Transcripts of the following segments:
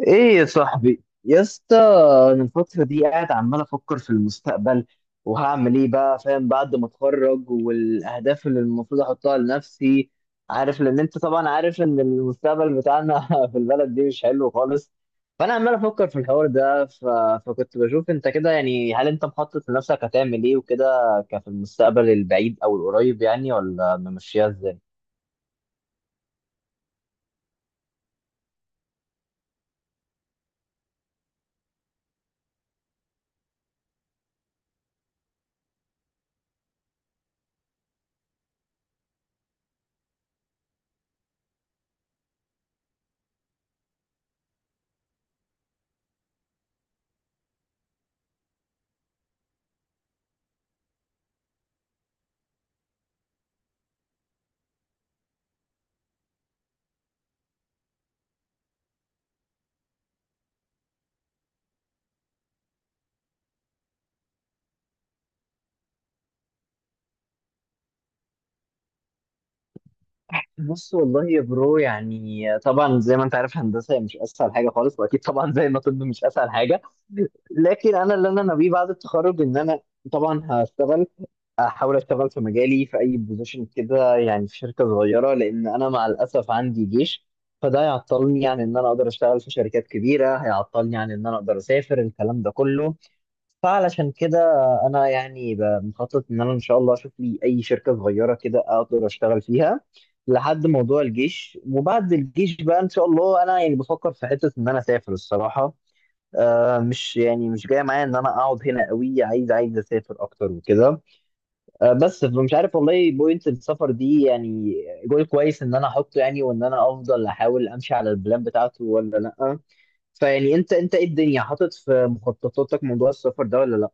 ايه يا صاحبي يا اسطى. انا الفتره دي قاعد عمال افكر في المستقبل، وهعمل ايه بقى فاهم بعد ما اتخرج والاهداف اللي المفروض احطها لنفسي، عارف. لان انت طبعا عارف ان المستقبل بتاعنا في البلد دي مش حلو خالص. فانا عمال افكر في الحوار ده فكنت بشوف انت كده، يعني هل انت مخطط لنفسك هتعمل ايه وكده؟ كفي المستقبل البعيد او القريب يعني، ولا ممشيها ازاي؟ بص والله يا برو، يعني طبعا زي ما انت عارف هندسه هي مش اسهل حاجه خالص، واكيد طبعا زي ما طب مش اسهل حاجه. لكن انا اللي انا ناويه بعد التخرج ان انا طبعا هشتغل، احاول اشتغل في مجالي في اي بوزيشن كده، يعني في شركه صغيره، لان انا مع الاسف عندي جيش. فده هيعطلني عن ان انا اقدر اشتغل في شركات كبيره، هيعطلني عن ان انا اقدر اسافر الكلام ده كله. فعلشان كده انا يعني مخطط ان انا ان شاء الله اشوف لي اي شركه صغيره كده اقدر اشتغل فيها لحد موضوع الجيش. وبعد الجيش بقى ان شاء الله انا يعني بفكر في حته ان انا اسافر الصراحه. آه مش يعني مش جاي معايا ان انا اقعد هنا قوي، عايز اسافر اكتر وكده. آه بس مش عارف والله بوينت السفر دي يعني جول كويس ان انا احطه يعني، وان انا افضل احاول امشي على البلان بتاعته ولا لا. فيعني انت ايه الدنيا حاطط في مخططاتك موضوع السفر ده ولا لا؟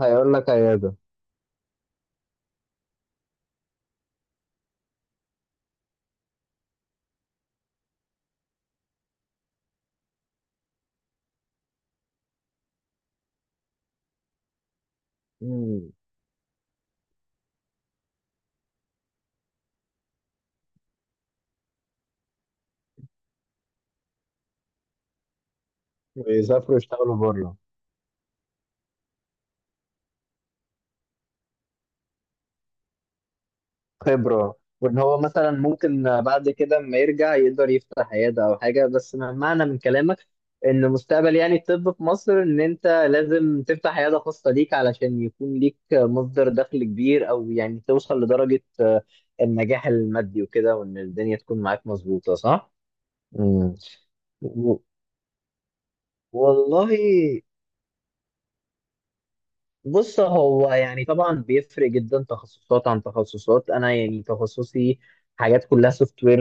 هيقول لك عيادة. مم. ويسافروا يشتغلوا بره. خبرة، وإن هو مثلا ممكن بعد كده لما يرجع يقدر يفتح عيادة أو حاجة. بس معنى من كلامك إن مستقبل يعني الطب في مصر إن أنت لازم تفتح عيادة خاصة ليك علشان يكون ليك مصدر دخل كبير، أو يعني توصل لدرجة آه، النجاح المادي وكده، وإن الدنيا تكون معاك مظبوطة، صح؟ مم. و- والله بص، هو يعني طبعا بيفرق جدا تخصصات عن تخصصات. انا يعني تخصصي حاجات كلها سوفت وير،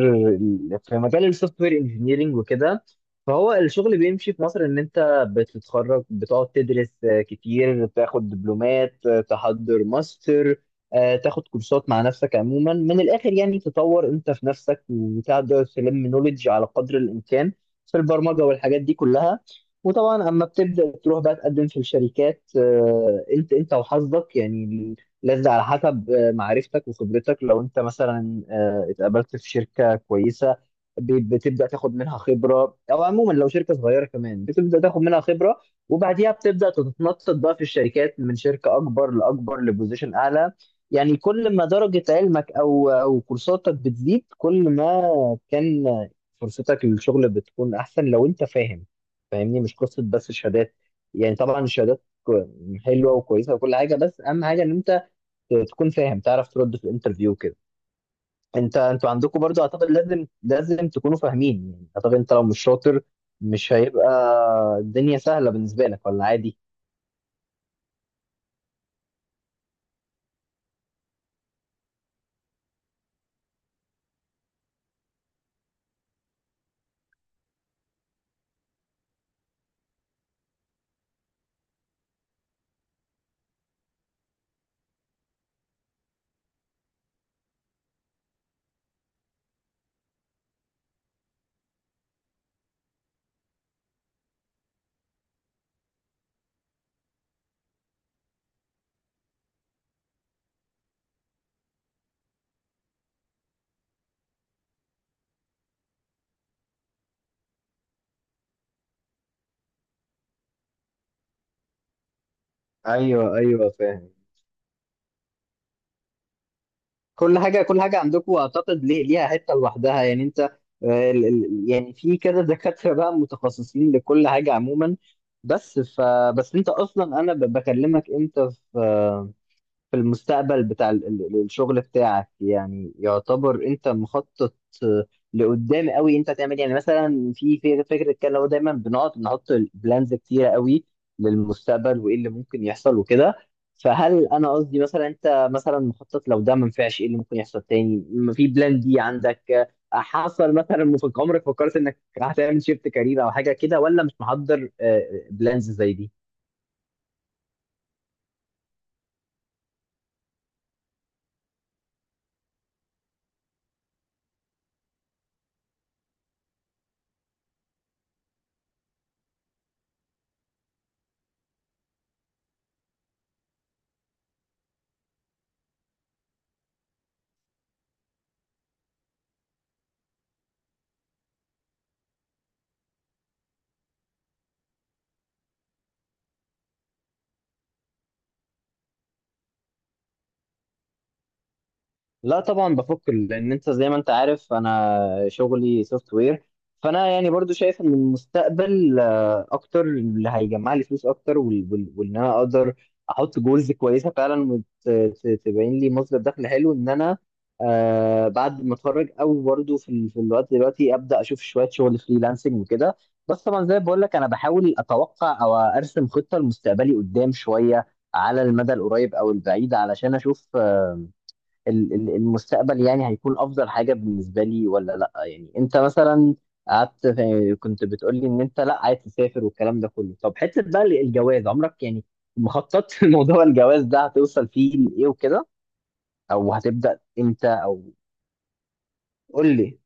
في مجال السوفت وير انجينيرنج وكده. فهو الشغل بيمشي في مصر ان انت بتتخرج، بتقعد تدرس آه، كتير، تاخد دبلومات آه، تحضر ماستر آه، تاخد كورسات مع نفسك. عموما من الاخر يعني تطور انت في نفسك وتقدر تلم نوليدج على قدر الامكان في البرمجة والحاجات دي كلها. وطبعا اما بتبدا تروح بقى تقدم في الشركات آه، انت وحظك يعني، لازم على حسب آه، معرفتك وخبرتك. لو انت مثلا آه، اتقابلت في شركه كويسه بتبدا تاخد منها خبره، او عموما لو شركه صغيره كمان بتبدا تاخد منها خبره، وبعديها بتبدا تتنطط بقى في الشركات من شركه اكبر لاكبر لبوزيشن اعلى. يعني كل ما درجه علمك او كورساتك بتزيد، كل ما كان فرصتك للشغل بتكون احسن، لو انت فاهم فاهمني. مش قصه بس الشهادات، يعني طبعا الشهادات حلوه وكويسه وكل حاجه، بس اهم حاجه ان انت تكون فاهم، تعرف ترد في الانترفيو كده. انت انتوا عندكم برضو اعتقد لازم تكونوا فاهمين، يعني اعتقد انت لو مش شاطر مش هيبقى الدنيا سهله بالنسبه لك، ولا عادي؟ ايوه ايوه فاهم. كل حاجه عندكم اعتقد ليه ليها حته لوحدها، يعني انت آه، يعني في كذا دكاتره بقى متخصصين لكل حاجه عموما. بس ف بس انت اصلا انا بكلمك انت في آه، في المستقبل بتاع الشغل بتاعك. يعني يعتبر انت مخطط آه، لقدام قوي، انت هتعمل إيه؟ يعني مثلا في فكره كده اللي هو دايما بنقعد نحط بلانز كتيره قوي للمستقبل وايه اللي ممكن يحصل وكده. فهل انا قصدي مثلا انت مثلا مخطط لو ده ما نفعش ايه اللي ممكن يحصل تاني؟ في بلان دي عندك؟ آه، حصل مثلا في عمرك فكرت انك هتعمل شيفت كارير او حاجه كده، ولا مش محضر بلانز زي دي؟ لا طبعا بفك، لان انت زي ما انت عارف انا شغلي سوفت وير. فانا يعني برضو شايف ان المستقبل آه، اكتر اللي هيجمع لي فلوس اكتر، وان انا اقدر احط جولز كويسه فعلا وتبين لي مصدر دخل حلو، ان انا آه، بعد ما اتخرج او برضو في في الوقت دلوقتي ابدا اشوف شويه شغل فريلانسنج وكده. بس طبعا زي ما بقول لك انا بحاول اتوقع او ارسم خطه لمستقبلي قدام شويه، على المدى القريب او البعيد، علشان اشوف المستقبل يعني هيكون افضل حاجه بالنسبه لي ولا لا. يعني انت مثلا قعدت كنت بتقول لي ان انت لا عايز تسافر والكلام ده كله. طب حته بقى الجواز عمرك يعني مخطط في موضوع الجواز ده هتوصل فيه لايه وكده، او هتبدا امتى او قول لي.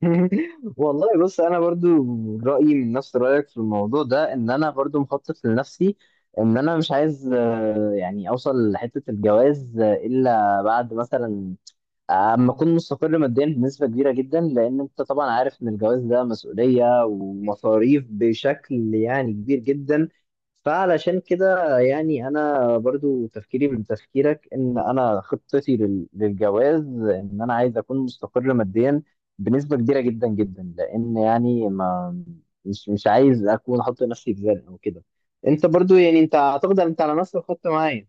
والله بص انا برضو رايي من نفس رايك في الموضوع ده، ان انا برضو مخطط لنفسي ان انا مش عايز آه، يعني اوصل لحته الجواز آه، الا بعد مثلا اما اكون مستقر ماديا بنسبه كبيره جدا. لان انت طبعا عارف ان الجواز ده مسؤوليه ومصاريف بشكل يعني كبير جدا. فعلشان كده يعني انا برضو تفكيري من تفكيرك ان انا خطتي للجواز ان انا عايز اكون مستقر ماديا بنسبه كبيره جدا جدا، لان يعني ما مش عايز اكون احط نفسي في زنقه او كده. انت برضو يعني انت اعتقد ان انت على نفس الخط معايا.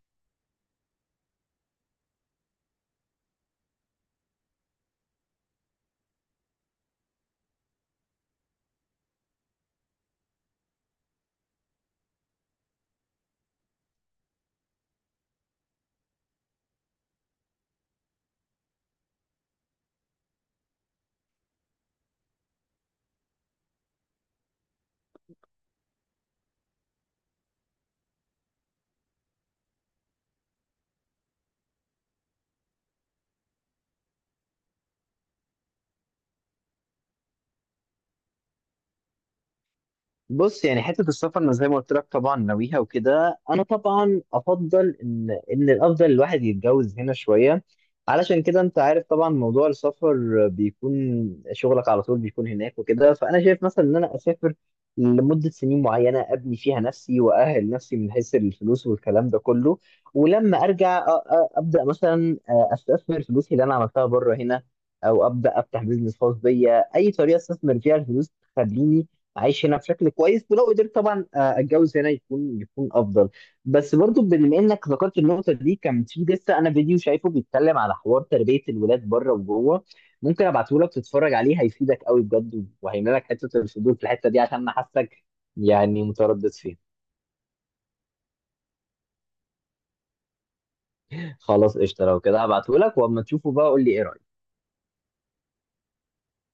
بص يعني حتة السفر أنا زي ما قلت لك طبعا ناويها وكده. أنا طبعا أفضل إن الأفضل الواحد يتجوز هنا شوية، علشان كده أنت عارف طبعا موضوع السفر بيكون شغلك على طول بيكون هناك وكده. فأنا شايف مثلا إن أنا أسافر لمدة سنين معينة أبني فيها نفسي وأأهل نفسي من حيث الفلوس والكلام ده كله، ولما أرجع أبدأ مثلا أستثمر فلوسي اللي أنا عملتها بره هنا، أو أبدأ أفتح بيزنس خاص بيا، أي طريقة أستثمر فيها الفلوس تخليني عايش هنا بشكل كويس. ولو قدرت طبعا آه، اتجوز هنا يكون افضل. بس برضو بما انك ذكرت النقطه دي، كان في لسه انا فيديو شايفه بيتكلم على حوار تربيه الولاد بره وجوه. ممكن ابعته لك تتفرج عليه، هيفيدك قوي بجد، وهيملى لك حته الفضول في الحته دي، عشان انا حاسك يعني متردد فيها. خلاص قشطه، لو كده هبعته لك، واما تشوفه بقى قول لي ايه رايك.